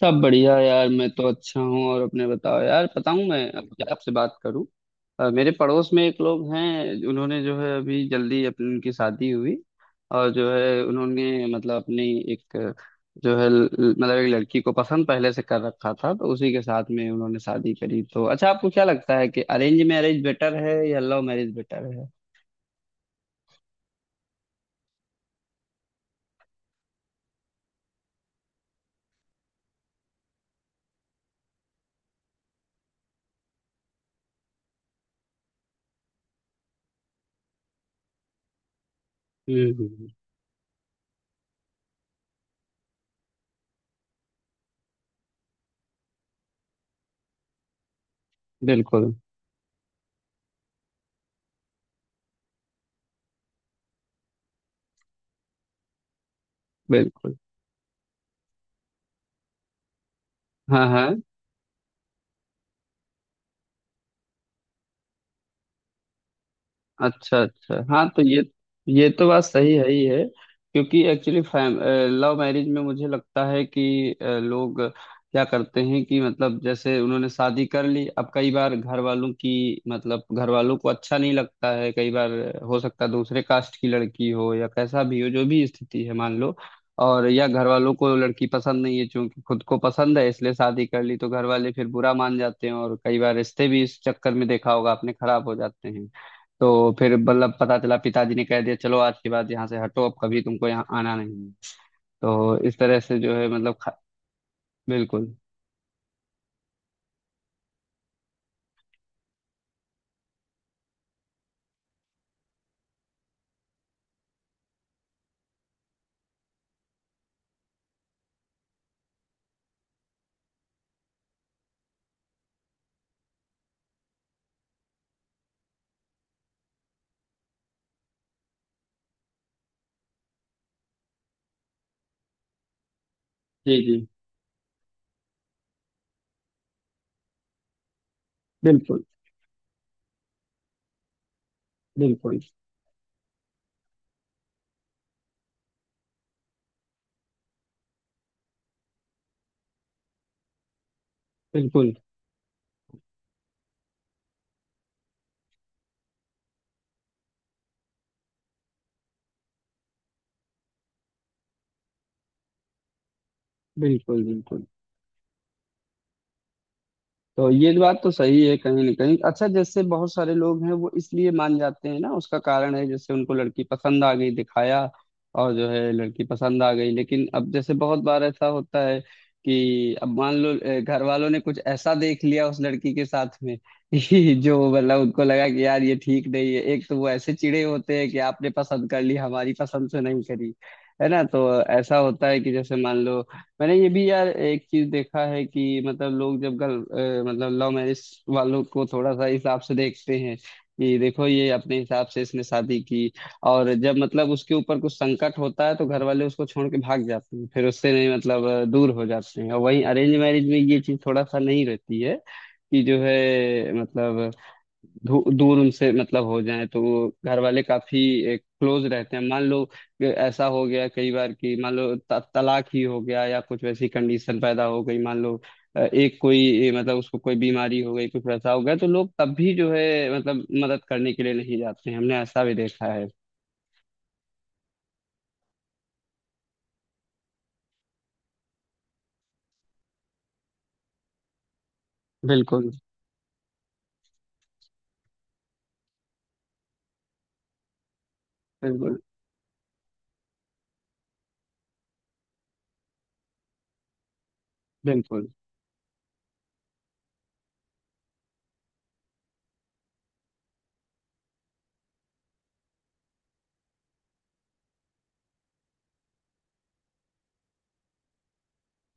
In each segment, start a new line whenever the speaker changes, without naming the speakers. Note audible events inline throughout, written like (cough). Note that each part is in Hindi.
सब बढ़िया यार। मैं तो अच्छा हूँ। और अपने बताओ यार। बताऊँ मैं अब क्या आपसे बात करूँ। मेरे पड़ोस में एक लोग हैं। उन्होंने जो है अभी जल्दी अपनी उनकी शादी हुई। और जो है उन्होंने मतलब अपनी एक जो है मतलब एक लड़की को पसंद पहले से कर रखा था। तो उसी के साथ में उन्होंने शादी करी। तो अच्छा, आपको क्या लगता है कि अरेंज मैरिज बेटर है या लव मैरिज बेटर है। हम्म, हम्म। बिल्कुल। बिल्कुल। हाँ, हाँ। अच्छा, अच्छा, हाँ। तो ये तो बात सही है ही है। क्योंकि एक्चुअली फैम लव मैरिज में मुझे लगता है कि लोग क्या करते हैं कि मतलब जैसे उन्होंने शादी कर ली। अब कई बार घर वालों की मतलब घर वालों को अच्छा नहीं लगता है कई बार। हो सकता है दूसरे कास्ट की लड़की हो या कैसा भी हो जो भी स्थिति है मान लो। और या घर वालों को लड़की पसंद नहीं है, क्योंकि खुद को पसंद है इसलिए शादी कर ली। तो घर वाले फिर बुरा मान जाते हैं, और कई बार रिश्ते भी इस चक्कर में देखा होगा आपने खराब हो जाते हैं। तो फिर मतलब पता चला पिताजी ने कह दिया चलो आज के बाद यहाँ से हटो, अब कभी तुमको यहाँ आना नहीं है। तो इस तरह से जो है मतलब बिल्कुल। जी, जी। बिल्कुल। बिल्कुल। बिल्कुल। बिल्कुल। बिल्कुल। तो ये बात तो सही है कहीं ना कहीं। अच्छा, जैसे बहुत सारे लोग हैं वो इसलिए मान जाते हैं ना, उसका कारण है जैसे उनको लड़की पसंद आ गई दिखाया। और जो है लड़की पसंद आ गई, लेकिन अब जैसे बहुत बार ऐसा होता है कि अब मान लो घर वालों ने कुछ ऐसा देख लिया उस लड़की के साथ में (laughs) कि जो मतलब उनको लगा कि यार ये ठीक नहीं है। एक तो वो ऐसे चिड़े होते हैं कि आपने पसंद कर ली, हमारी पसंद से नहीं करी, है ना। तो ऐसा होता है कि जैसे मान लो मैंने ये भी यार एक चीज देखा है कि मतलब लोग जब मतलब लव मैरिज वालों को थोड़ा सा हिसाब से देखते हैं कि देखो ये अपने हिसाब से इसने शादी की। और जब मतलब उसके ऊपर कुछ संकट होता है तो घर वाले उसको छोड़ के भाग जाते हैं, फिर उससे नहीं मतलब दूर हो जाते हैं। और वहीं अरेंज मैरिज में ये चीज थोड़ा सा नहीं रहती है कि जो है मतलब दूर उनसे मतलब हो जाए तो वो घर वाले काफी क्लोज रहते हैं। मान लो कि ऐसा हो गया कई बार कि मान लो तलाक ही हो गया या कुछ वैसी कंडीशन पैदा हो गई। मान लो एक कोई मतलब उसको कोई बीमारी हो गई कुछ वैसा हो गया तो लोग तब भी जो है मतलब मदद करने के लिए नहीं जाते हैं, हमने ऐसा भी देखा है। बिल्कुल, बिल्कुल। बिल्कुल,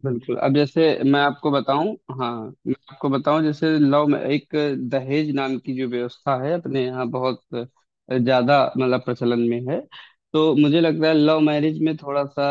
बिल्कुल। अब जैसे मैं आपको बताऊं, हाँ, मैं आपको बताऊं जैसे लव में एक दहेज नाम की जो व्यवस्था है अपने यहाँ बहुत ज्यादा मतलब प्रचलन में है। तो मुझे लगता है लव मैरिज में थोड़ा सा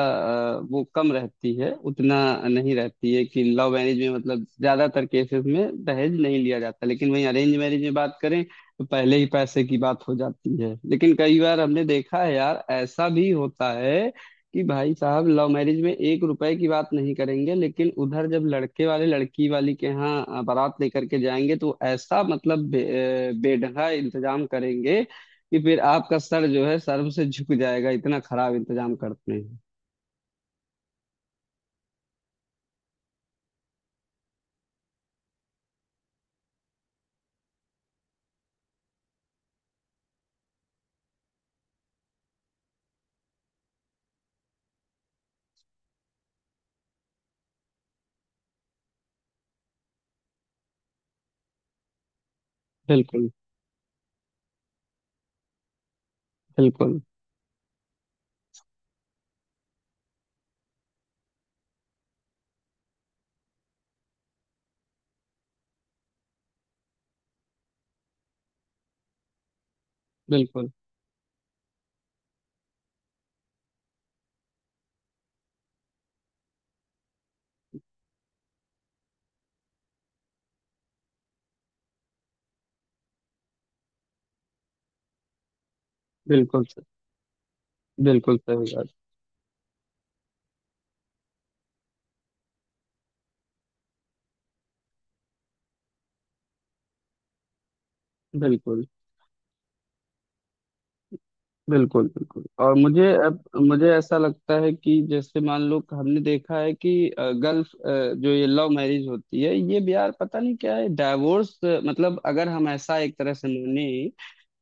वो कम रहती है, उतना नहीं रहती है कि लव मैरिज में मतलब ज्यादातर केसेस में दहेज नहीं लिया जाता। लेकिन वहीं अरेंज मैरिज में बात करें तो पहले ही पैसे की बात हो जाती है। लेकिन कई बार हमने देखा है यार ऐसा भी होता है कि भाई साहब लव मैरिज में 1 रुपए की बात नहीं करेंगे, लेकिन उधर जब लड़के वाले लड़की वाली के यहाँ बारात लेकर के जाएंगे तो ऐसा मतलब बेढंगा इंतजाम करेंगे कि फिर आपका सर जो है शर्म से झुक जाएगा, इतना खराब इंतजाम करते हैं। बिल्कुल। बिल्कुल। बिल्कुल। बिल्कुल। बिल्कुल सही बात। बिल्कुल, बिल्कुल। बिल्कुल। और मुझे अब मुझे ऐसा लगता है कि जैसे मान लो हमने देखा है कि गल्फ जो ये लव मैरिज होती है ये बिहार पता नहीं क्या है डाइवोर्स मतलब अगर हम ऐसा एक तरह से माने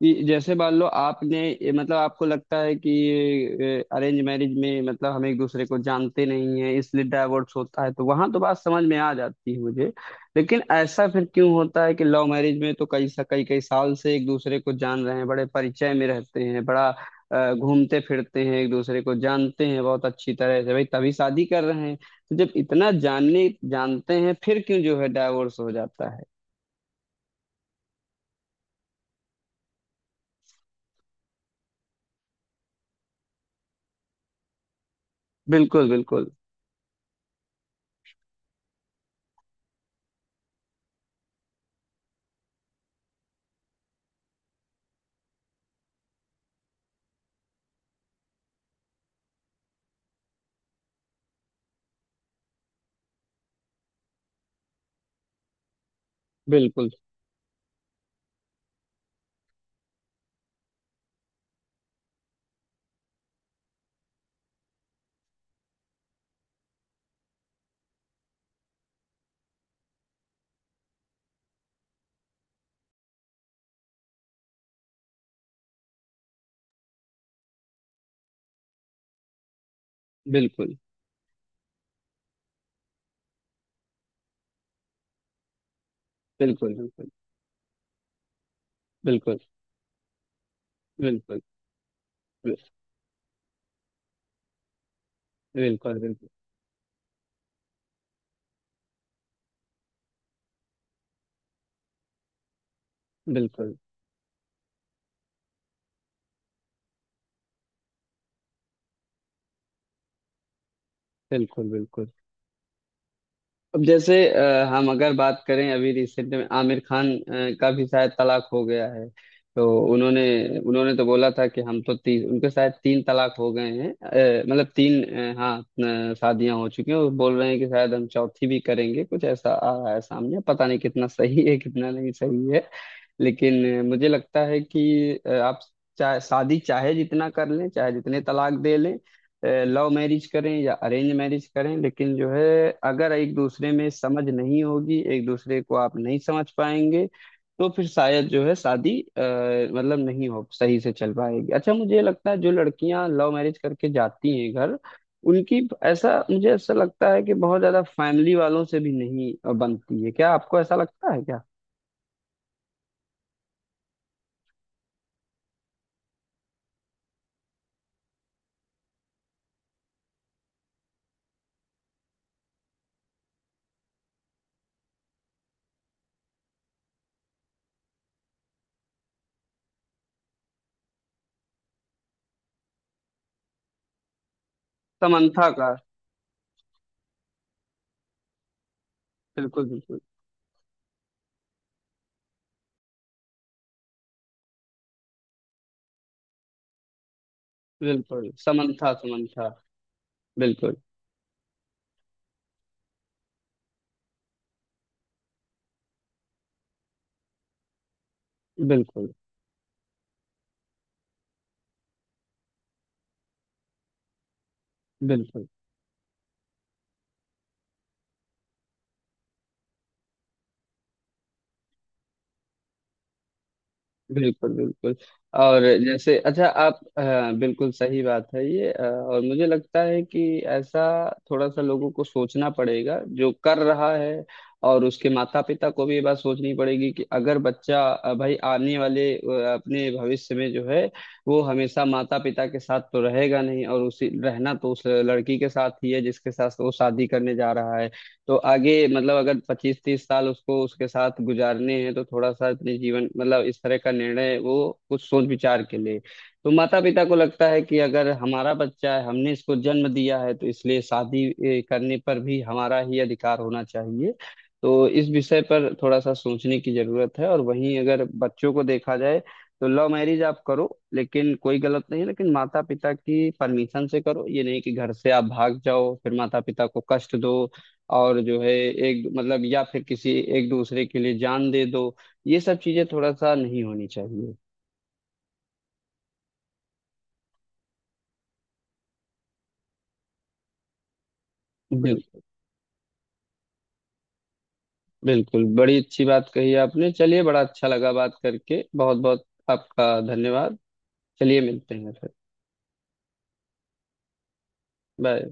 कि जैसे मान लो आपने मतलब आपको लगता है कि अरेंज मैरिज में मतलब हम एक दूसरे को जानते नहीं है इसलिए डाइवोर्स होता है तो वहां तो बात समझ में आ जाती है मुझे। लेकिन ऐसा फिर क्यों होता है कि लव मैरिज में तो कई कई साल से एक दूसरे को जान रहे हैं, बड़े परिचय में रहते हैं, बड़ा घूमते फिरते हैं, एक दूसरे को जानते हैं बहुत अच्छी तरह से, भाई तभी शादी कर रहे हैं। तो जब इतना जानने जानते हैं फिर क्यों जो है डाइवोर्स हो जाता है। बिल्कुल, बिल्कुल। बिल्कुल, बिल्कुल। बिल्कुल, बिल्कुल। बिल्कुल, बिल्कुल। बिल्कुल, बिल्कुल। बिल्कुल, बिल्कुल। बिल्कुल। अब जैसे हम अगर बात करें अभी रिसेंट में आमिर खान का भी शायद तलाक हो गया है। तो उन्होंने उन्होंने तो बोला था कि हम तो तीन उनके शायद तीन तलाक हो गए हैं, मतलब तीन हाँ शादियां हो चुकी हैं। वो बोल रहे हैं कि शायद हम चौथी भी करेंगे, कुछ ऐसा आ रहा है सामने, पता नहीं कितना सही है कितना नहीं सही है। लेकिन मुझे लगता है कि आप चाहे शादी चाहे जितना कर लें चाहे जितने तलाक दे लें, लव मैरिज करें या अरेंज मैरिज करें, लेकिन जो है अगर एक दूसरे में समझ नहीं होगी, एक दूसरे को आप नहीं समझ पाएंगे तो फिर शायद जो है शादी मतलब नहीं हो सही से चल पाएगी। अच्छा, मुझे ये लगता है जो लड़कियां लव मैरिज करके जाती हैं घर, उनकी ऐसा मुझे ऐसा लगता है कि बहुत ज्यादा फैमिली वालों से भी नहीं बनती है। क्या आपको ऐसा लगता है क्या। समंथा का। बिल्कुल, बिल्कुल। बिल्कुल। Samantha Samantha. बिल्कुल। बिल्कुल, बिल्कुल। बिल्कुल, बिल्कुल। और जैसे, अच्छा, आप बिल्कुल सही बात है ये, और मुझे लगता है कि ऐसा थोड़ा सा लोगों को सोचना पड़ेगा जो कर रहा है। और उसके माता पिता को भी ये बात सोचनी पड़ेगी कि अगर बच्चा भाई आने वाले अपने भविष्य में जो है वो हमेशा माता पिता के साथ तो रहेगा नहीं, और उसी रहना तो उस लड़की के साथ ही है जिसके साथ वो शादी करने जा रहा है। तो आगे मतलब अगर 25-30 साल उसको उसके साथ गुजारने हैं तो थोड़ा सा अपने जीवन मतलब इस तरह का निर्णय वो कुछ सोच विचार के ले। तो माता पिता को लगता है कि अगर हमारा बच्चा है, हमने इसको जन्म दिया है तो इसलिए शादी करने पर भी हमारा ही अधिकार होना चाहिए। तो इस विषय पर थोड़ा सा सोचने की जरूरत है। और वहीं अगर बच्चों को देखा जाए तो लव मैरिज आप करो, लेकिन कोई गलत नहीं है, लेकिन माता पिता की परमिशन से करो। ये नहीं कि घर से आप भाग जाओ फिर माता पिता को कष्ट दो। और जो है एक मतलब या फिर किसी एक दूसरे के लिए जान दे दो, ये सब चीजें थोड़ा सा नहीं होनी चाहिए। बिल्कुल। बिल्कुल, बड़ी अच्छी बात कही आपने। चलिए, बड़ा अच्छा लगा बात करके, बहुत बहुत आपका धन्यवाद। चलिए, मिलते हैं फिर। बाय।